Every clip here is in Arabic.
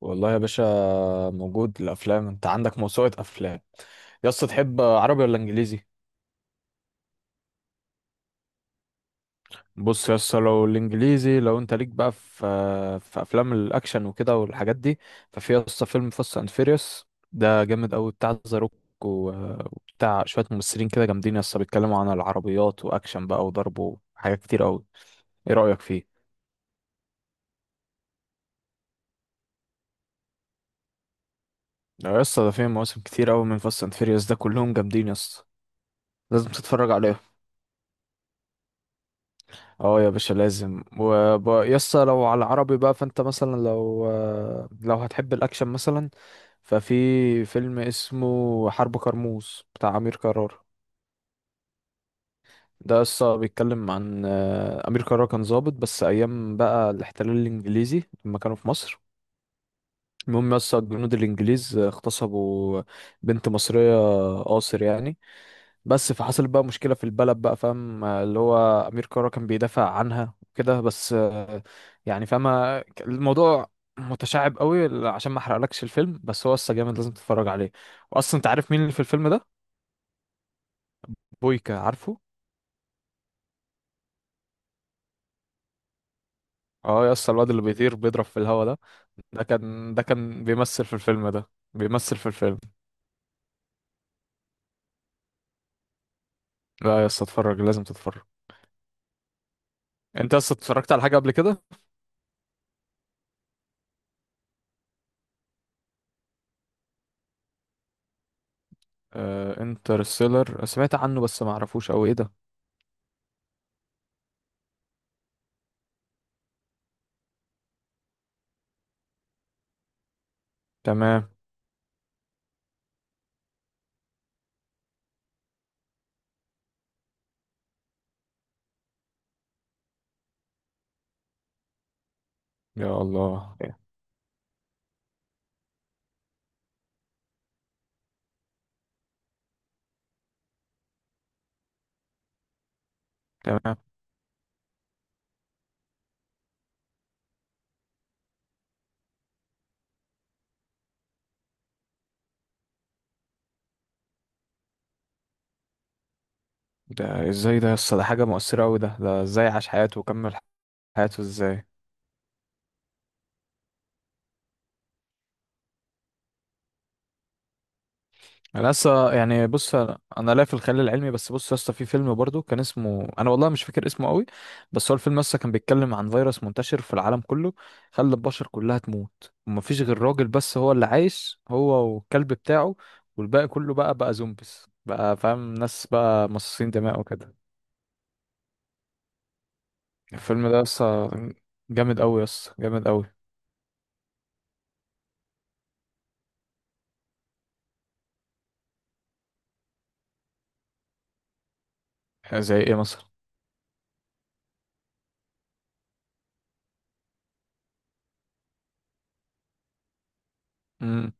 والله يا باشا، موجود الافلام. انت عندك موسوعه افلام. يا اسطى، تحب عربي ولا انجليزي؟ بص يا اسطى، لو الانجليزي، لو انت ليك بقى في في افلام الاكشن وكده والحاجات دي، ففي يا اسطى فيلم فاست اند فيريوس ده جامد قوي، بتاع ذا روك و- وبتاع شويه ممثلين كده جامدين يا اسطى، بيتكلموا عن العربيات واكشن بقى وضرب وحاجات كتير قوي. ايه رايك فيه؟ لا يا اسطى، ده فيه مواسم كتير قوي من فاست اند فيريوس ده، كلهم جامدين يا اسطى، لازم تتفرج عليهم. اه يا باشا لازم. ويسا لو على العربي بقى، فانت مثلا لو لو هتحب الاكشن مثلا، ففي فيلم اسمه حرب كرموز بتاع امير كرارة. ده يسا بيتكلم عن امير كرارة كان ضابط بس ايام بقى الاحتلال الانجليزي لما كانوا في مصر. المهم يسا، الجنود الانجليز اغتصبوا بنت مصرية، قاصر يعني. بس فحصل بقى مشكلة في البلد بقى، فاهم؟ اللي هو أمير كرارة كان بيدافع عنها وكده. بس يعني فاهم؟ الموضوع متشعب قوي، عشان ما احرقلكش الفيلم، بس هو اصلا جامد لازم تتفرج عليه. واصلا انت عارف مين اللي في الفيلم ده؟ بويكا، عارفه؟ اه يا اسطى الواد اللي بيطير بيضرب في الهوا ده، ده كان بيمثل في الفيلم، ده بيمثل في الفيلم. لا يا اسطى اتفرج، لازم تتفرج. انت اصلا اتفرجت على حاجة قبل كده؟ آه انترستيلر سمعت عنه، بس ما اعرفوش او ايه ده. تمام. يا الله. تمام. ده ازاي ده يسطا؟ ده حاجة مؤثرة أوي. ده ازاي عاش حياته وكمل حياته ازاي؟ انا لسه يعني، بص، انا لا في الخيال العلمي، بس بص، لسه في فيلم برضو كان اسمه، انا والله مش فاكر اسمه قوي، بس هو الفيلم لسه كان بيتكلم عن فيروس منتشر في العالم كله، خلى البشر كلها تموت، ومفيش غير راجل بس هو اللي عايش، هو والكلب بتاعه، والباقي كله بقى زومبيز بقى، فاهم؟ ناس بقى مصاصين دماء وكده. الفيلم ده لسه جامد أوي يسطا، جامد أوي. زي ايه مثلا؟ امم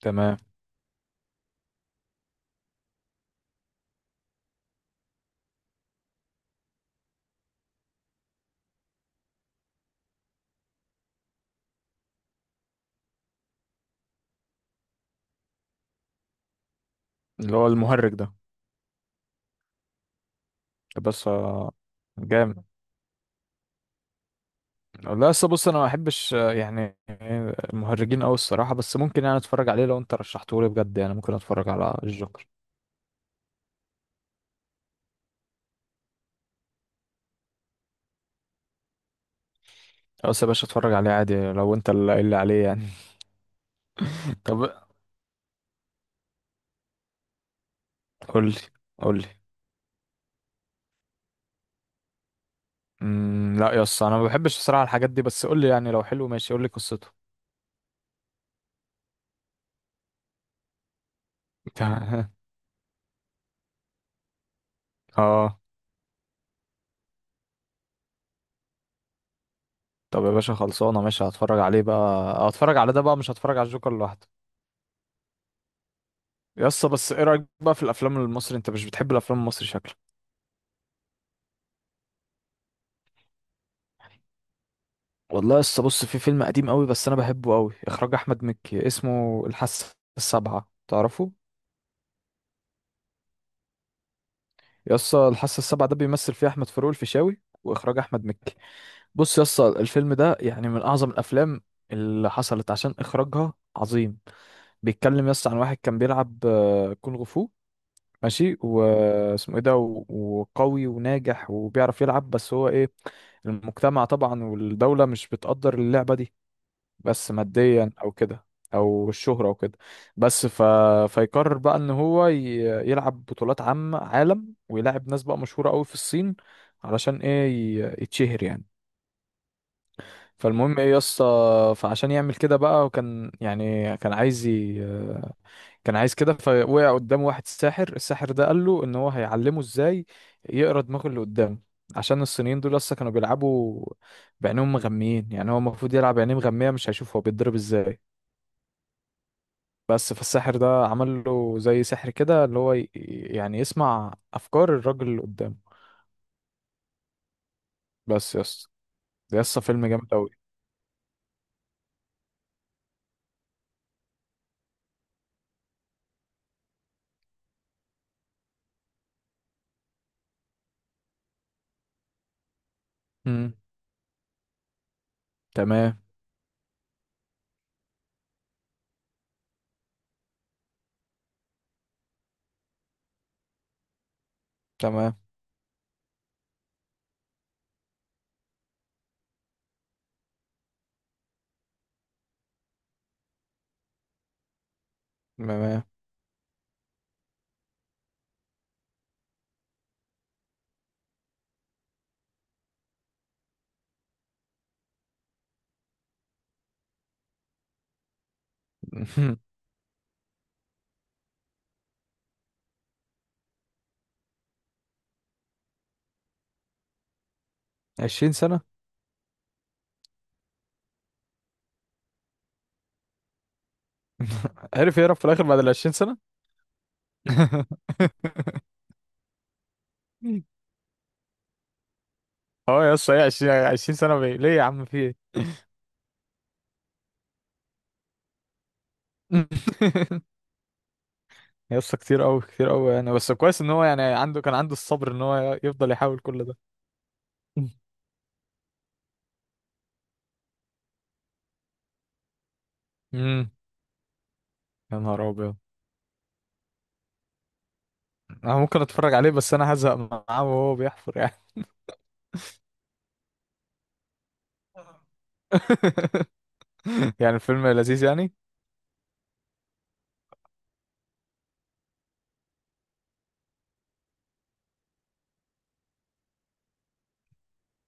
تمام. اللي هو المهرج ده. بس جامد. لا بس بص، انا ما احبش يعني المهرجين قوي الصراحه، بس ممكن يعني اتفرج عليه لو انت رشحته لي بجد، يعني ممكن اتفرج على الجوكر. بس يا باشا اتفرج عليه عادي لو انت اللي قايل لي عليه يعني. طب قول لي، قول لي. لا يا اسطى انا ما بحبش الصراحه الحاجات دي، بس قول لي، يعني لو حلو ماشي، قول لي قصته. اه. طب يا باشا، خلصانه ماشي، هتفرج عليه بقى. هتفرج على ده بقى، مش هتفرج على الجوكر لوحده. يا اسطى، بس ايه رايك بقى في الافلام المصري؟ انت مش بتحب الافلام المصري شكلك. والله لسه، بص، في فيلم قديم قوي بس انا بحبه قوي، اخراج احمد مكي، اسمه الحاسه السابعه، تعرفه؟ يسطا الحاسه السابعه ده بيمثل فيه احمد فاروق الفيشاوي، واخراج احمد مكي. بص يسطا الفيلم ده يعني من اعظم الافلام اللي حصلت، عشان اخراجها عظيم. بيتكلم يسطا عن واحد كان بيلعب كونغ فو، ماشي، واسمه ايه ده وقوي وناجح وبيعرف يلعب، بس هو ايه، المجتمع طبعا والدولة مش بتقدر اللعبة دي، بس ماديا او كده، او الشهرة او كده، بس فيقرر بقى ان هو يلعب بطولات عام عالم، ويلعب ناس بقى مشهورة قوي في الصين، علشان ايه؟ يتشهر يعني. فالمهم ايه يا اسطى، فعشان يعمل كده بقى، وكان يعني كان عايز كده. فوقع قدامه واحد ساحر، الساحر ده قال له ان هو هيعلمه ازاي يقرا دماغ اللي قدامه، عشان الصينيين دول لسه كانوا بيلعبوا بعينهم مغميين، يعني هو المفروض يلعب بعينيه مغمية، مش هيشوف هو بيتضرب ازاي. بس فالساحر ده عمل له زي سحر كده، اللي هو يعني يسمع افكار الراجل اللي قدامه. بس يا اسطى. ده يا اسطى فيلم جامد قوي. امم تمام. تمام. تمام. 20 سنة. عرف يهرب في الاخر بعد ال 20 سنة. اه يا اسطى، ايه 20 سنة بيه ليه يا عم، في ايه؟ يا اسطى كتير قوي، كتير قوي يعني، بس كويس ان هو يعني عنده، كان عنده الصبر ان هو يفضل يحاول كل ده. امم يا نهار ابيض. انا ممكن اتفرج عليه، بس انا هزهق معاه وهو بيحفر يعني. يعني الفيلم لذيذ يعني؟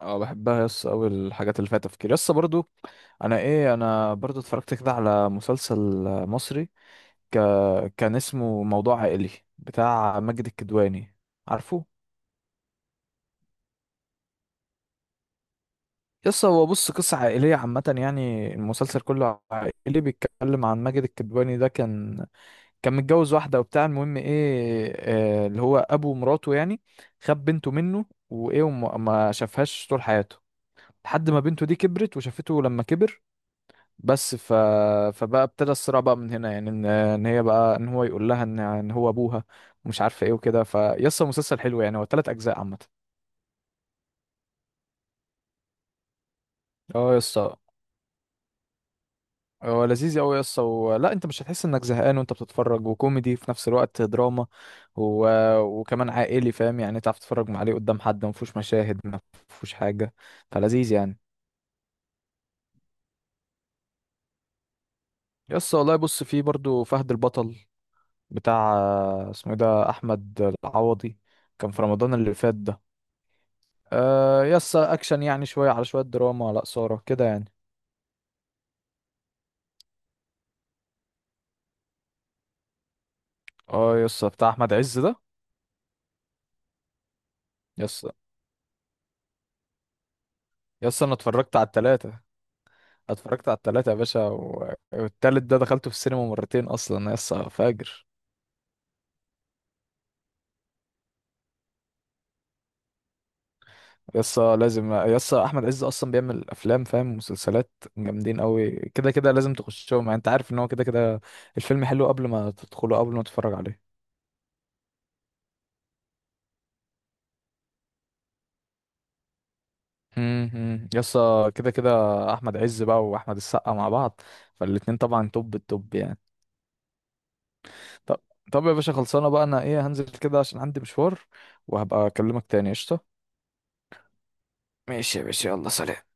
اه بحبها يس اوي الحاجات اللي فيها تفكير، يس برضو. انا برضو اتفرجت كده على مسلسل مصري، ك... كان اسمه موضوع عائلي، بتاع ماجد الكدواني، عارفه؟ يس هو بص، قصة عائلية عامة يعني، المسلسل كله عائلي، بيتكلم عن ماجد الكدواني ده كان متجوز واحدة وبتاع. المهم ايه، اللي هو ابو مراته يعني خد بنته منه وايه، وما ما شافهاش طول حياته، لحد ما بنته دي كبرت وشافته لما كبر. بس فبقى ابتدى الصراع بقى من هنا يعني، ان ان هي بقى ان هو يقول لها ان هو ابوها ومش عارفه ايه وكده. فيسطا مسلسل حلو يعني، هو ثلاث اجزاء عامه. اه يا اسطى. هو لذيذ قوي يا اسطى لا انت مش هتحس انك زهقان وانت بتتفرج، وكوميدي في نفس الوقت دراما و... وكمان عائلي، فاهم يعني؟ تعرف تتفرج عليه قدام حد، ما فيهوش مشاهد، ما فيهوش حاجه، فلذيذ يعني. يا اسطى والله بص، فيه برضو فهد البطل، بتاع اسمه ايه ده، احمد العوضي، كان في رمضان اللي فات ده. آه يا اسطى اكشن يعني، شويه على شويه دراما، لا ساره كده يعني. اه يا اسطى بتاع احمد عز ده. يا اسطى. يا اسطى انا اتفرجت على التلاته، اتفرجت على التلاتة يا باشا والتالت ده دخلته في السينما مرتين اصلا، يسا فاجر. يسا لازم، يسا احمد عز اصلا بيعمل افلام، فاهم؟ مسلسلات جامدين قوي، كده كده لازم تخشهم يعني، انت عارف ان هو كده كده الفيلم حلو قبل ما تدخله، قبل ما تتفرج عليه. هم. يسا كده كده احمد عز بقى واحمد السقا مع بعض، فالاتنين طبعا توب التوب يعني. طب، طب يا باشا خلصانه بقى، انا ايه هنزل كده عشان عندي مشوار، وهبقى اكلمك تاني قشطه. ماشي يا باشا، يلا سلام.